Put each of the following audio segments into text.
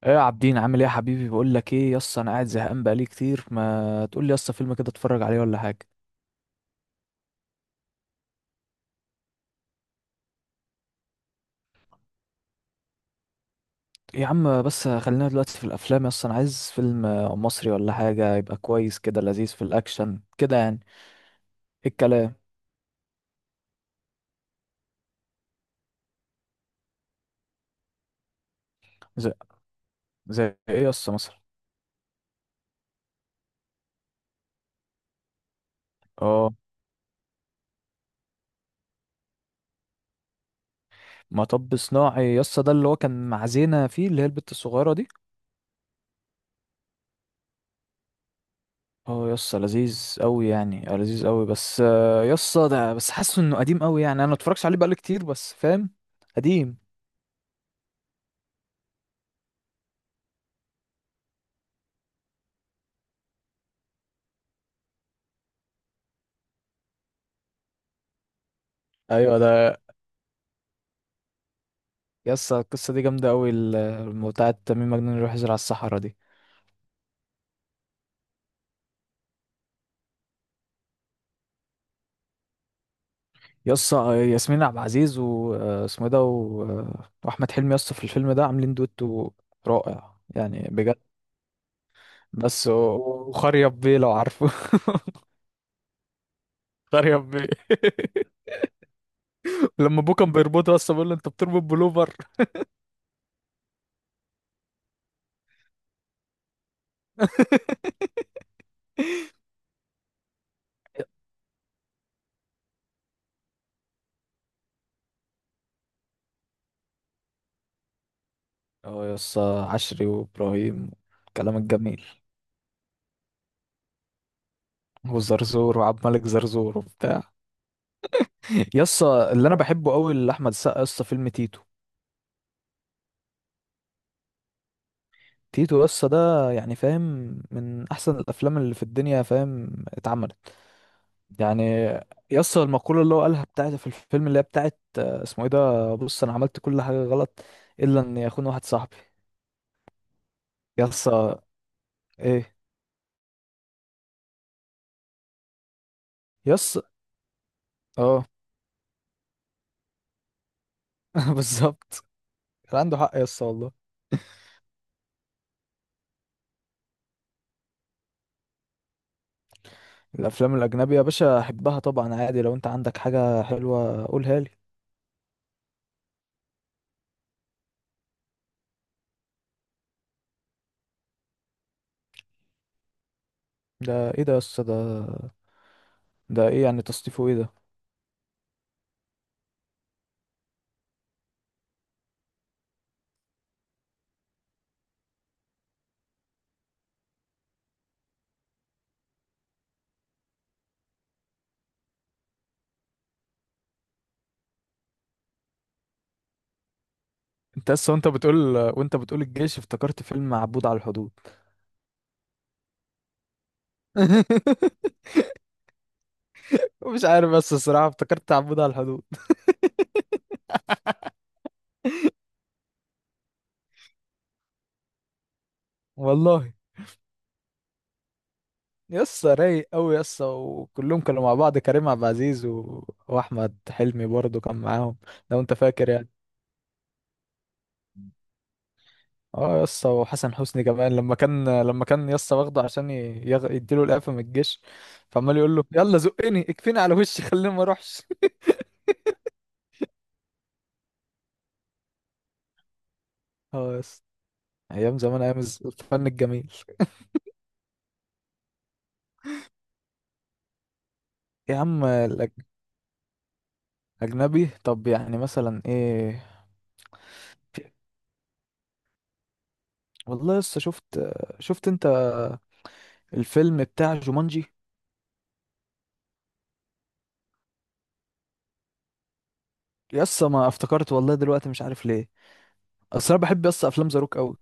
ايه يا عابدين؟ عامل ايه يا حبيبي؟ بقول لك ايه يس، انا قاعد زهقان بقالي كتير. ما تقول لي يس فيلم كده اتفرج عليه ولا حاجه. يا عم بس خلينا دلوقتي في الافلام، يس انا عايز فيلم مصري ولا حاجه يبقى كويس كده، لذيذ في الاكشن كده يعني. ايه الكلام؟ زي, زي ايه يس مثلا؟ اه، مطب صناعي يس، ده اللي هو كان مع زينة فيه، اللي هي البت الصغيره دي. اه يس لذيذ قوي يعني، لذيذ قوي، بس يس ده بس حاسه انه قديم قوي يعني. انا ما اتفرجش عليه بقالي كتير، بس فاهم قديم. ايوه ده يسا، القصة دي جامدة أوي، بتاعة تميم مجنون يروح يزرع الصحراء دي. يسا ياسمين عبد العزيز واسمه ده وأحمد حلمي يسا في الفيلم ده عاملين دويتو رائع يعني بجد. بس وخريف بيه لو عارفه. خريف بيه لما أبوه كان بيربطه يسا بيقول له أنت بتربط بلوفر. اه يسا، عشري وإبراهيم، كلام الجميل، وزرزور وعبد الملك زرزور وبتاع. يسا اللي أنا بحبه أوي لأحمد السقا يسا فيلم تيتو. تيتو يسا ده يعني فاهم من احسن الافلام اللي في الدنيا فاهم اتعملت يعني. يسا المقولة اللي هو قالها بتاعت في الفيلم، اللي هي بتاعت، اسمه ايه ده، بص، انا عملت كل حاجة غلط الا ان يخون واحد صاحبي. يسا، ايه؟ يسا، اه. بالظبط، كان عنده حق يسا والله. الافلام الاجنبية يا باشا احبها طبعا عادي، لو انت عندك حاجة حلوة قولها لي. ده ايه ده يسا ده؟ ده ايه يعني تصنيفه ايه ده؟ انت اصلا، وانت بتقول، وانت بتقول الجيش، افتكرت فيلم عبود على الحدود. مش عارف، بس الصراحة افتكرت عبود على الحدود. والله يسا رايق قوي يسا، وكلهم كانوا مع بعض: كريم عبد العزيز واحمد حلمي برضو كان معاهم لو انت فاكر يعني. اه يسا، وحسن حسني كمان، لما كان يسا واخده عشان يديله القفا من الجيش. فعمال يقول له يلا زقني اكفيني على وشي خليني ما اروحش. اه يسا، ايام زمان، ايام الفن الجميل. يا عم اجنبي طب يعني مثلا ايه؟ والله لسه شفت، شفت انت الفيلم بتاع جومانجي؟ يسا ما افتكرت والله دلوقتي مش عارف ليه، اصل انا بحب يسا افلام زاروك قوي.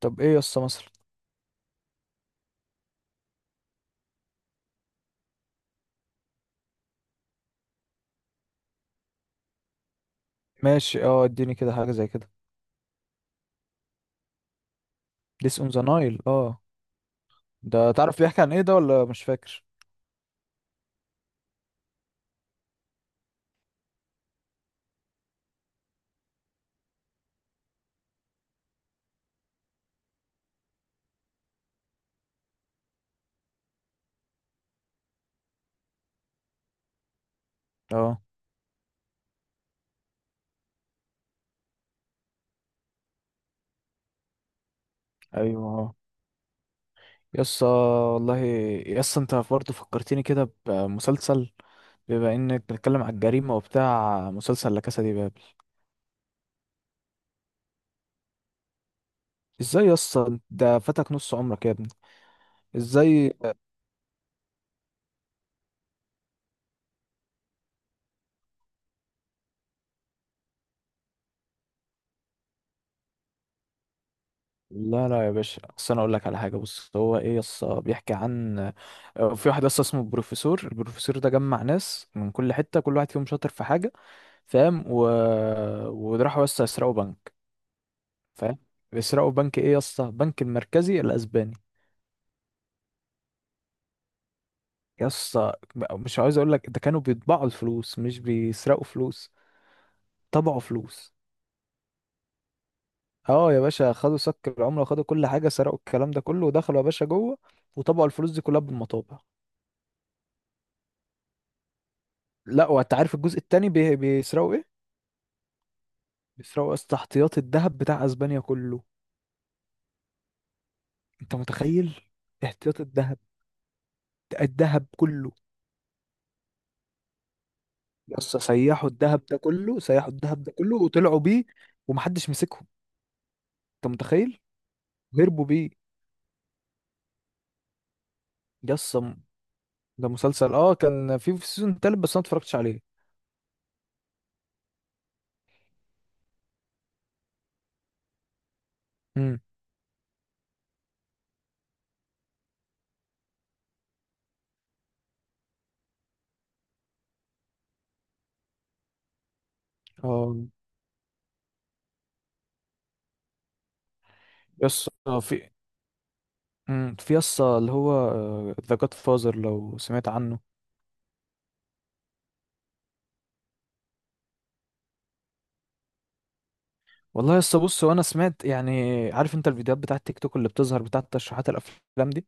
طب ايه يسا مثلا؟ ماشي، اه، اديني كده حاجه زي كده. ديس اون ذا نايل، اه. ده تعرف بيحكي عن ايه ده ولا مش فاكر؟ اه، ايوه اه يسا، والله يسا، انت برضه فكرتني كده بمسلسل، بما انك بتتكلم على الجريمه وبتاع، مسلسل لا كاسا دي بابل. ازاي يسا ده فاتك نص عمرك يا ابني؟ ازاي؟ لا يا باشا، اصل انا اقول لك على حاجه. بص هو ايه يس، بيحكي عن في واحد يس اسمه البروفيسور. البروفيسور ده جمع ناس من كل حته، كل واحد فيهم شاطر في حاجه فاهم، وراحوا يس يسرقوا بنك فاهم. بيسرقوا بنك ايه يس؟ بنك المركزي الاسباني. يس مش عايز اقول لك ده، كانوا بيطبعوا الفلوس مش بيسرقوا فلوس. طبعوا فلوس. اه يا باشا، خدوا سك العمله وخدوا كل حاجه، سرقوا الكلام ده كله، ودخلوا يا باشا جوه، وطبعوا الفلوس دي كلها بالمطابع. لا وانت عارف الجزء التاني بيسرقوا ايه؟ بيسرقوا يا اسطى احتياط الذهب بتاع اسبانيا كله. انت متخيل؟ احتياط الذهب، الذهب كله. يا اسطى سيحوا الذهب ده كله، سيحوا الذهب ده كله وطلعوا بيه، ومحدش مسكهم. انت متخيل؟ هربوا بيه. يا اسطى ده مسلسل، اه، كان في سيزون تالت بس انا اتفرجتش عليه. امم، اه يا اسطى في، امم، في يا اسطى اللي هو ذا جاد فازر لو سمعت عنه. والله يا اسطى بص، وانا سمعت يعني، عارف انت الفيديوهات بتاعه تيك توك اللي بتظهر بتاعه تشريحات الافلام دي.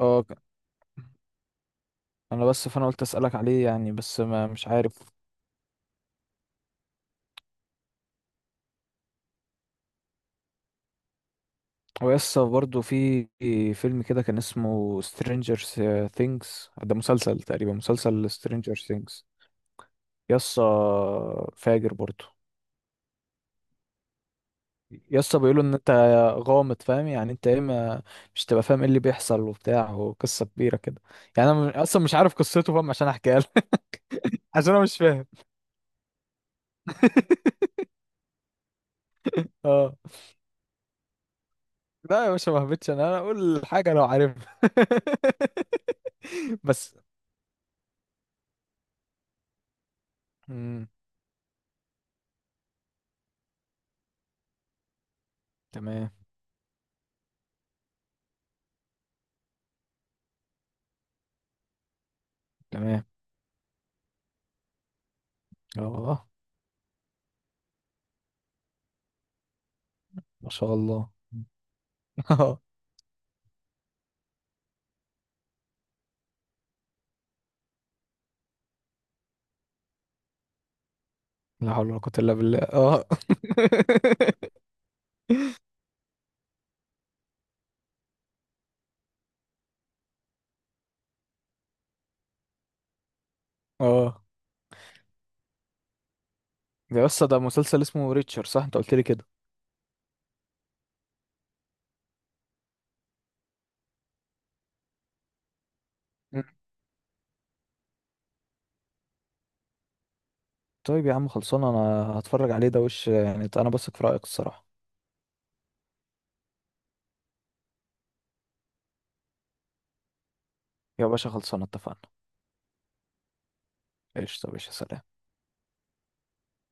اه ك- انا بس، فانا قلت اسالك عليه يعني، بس ما مش عارف. هو يا اسطى برضه في فيلم كده كان اسمه سترينجر ثينجز، ده مسلسل تقريبا، مسلسل سترينجر ثينجز. يا اسطى فاجر برضه. يا اسطى بيقولوا ان انت غامض فاهم يعني، انت ايه، ما مش تبقى فاهم ايه اللي بيحصل وبتاع، وقصه كبيره كده يعني. اصلا مش عارف قصته فاهم عشان احكيها لك. عشان انا مش فاهم. اه، لا يا باشا ما هبتش، انا اقول حاجه لو عارفها. بس، مم. تمام، تمام، اه. ما شاء الله. اه، لا حول ولا قوه الا بالله، اه. اه، ده، بس ده مسلسل اسمه ريتشر صح، انت قلت لي كده؟ مم. طيب يا عم خلصانه، انا هتفرج عليه ده وش يعني، انا بثق في رايك الصراحه. يا باشا خلصانه، اتفقنا. ايش طب يا باشا، سلام.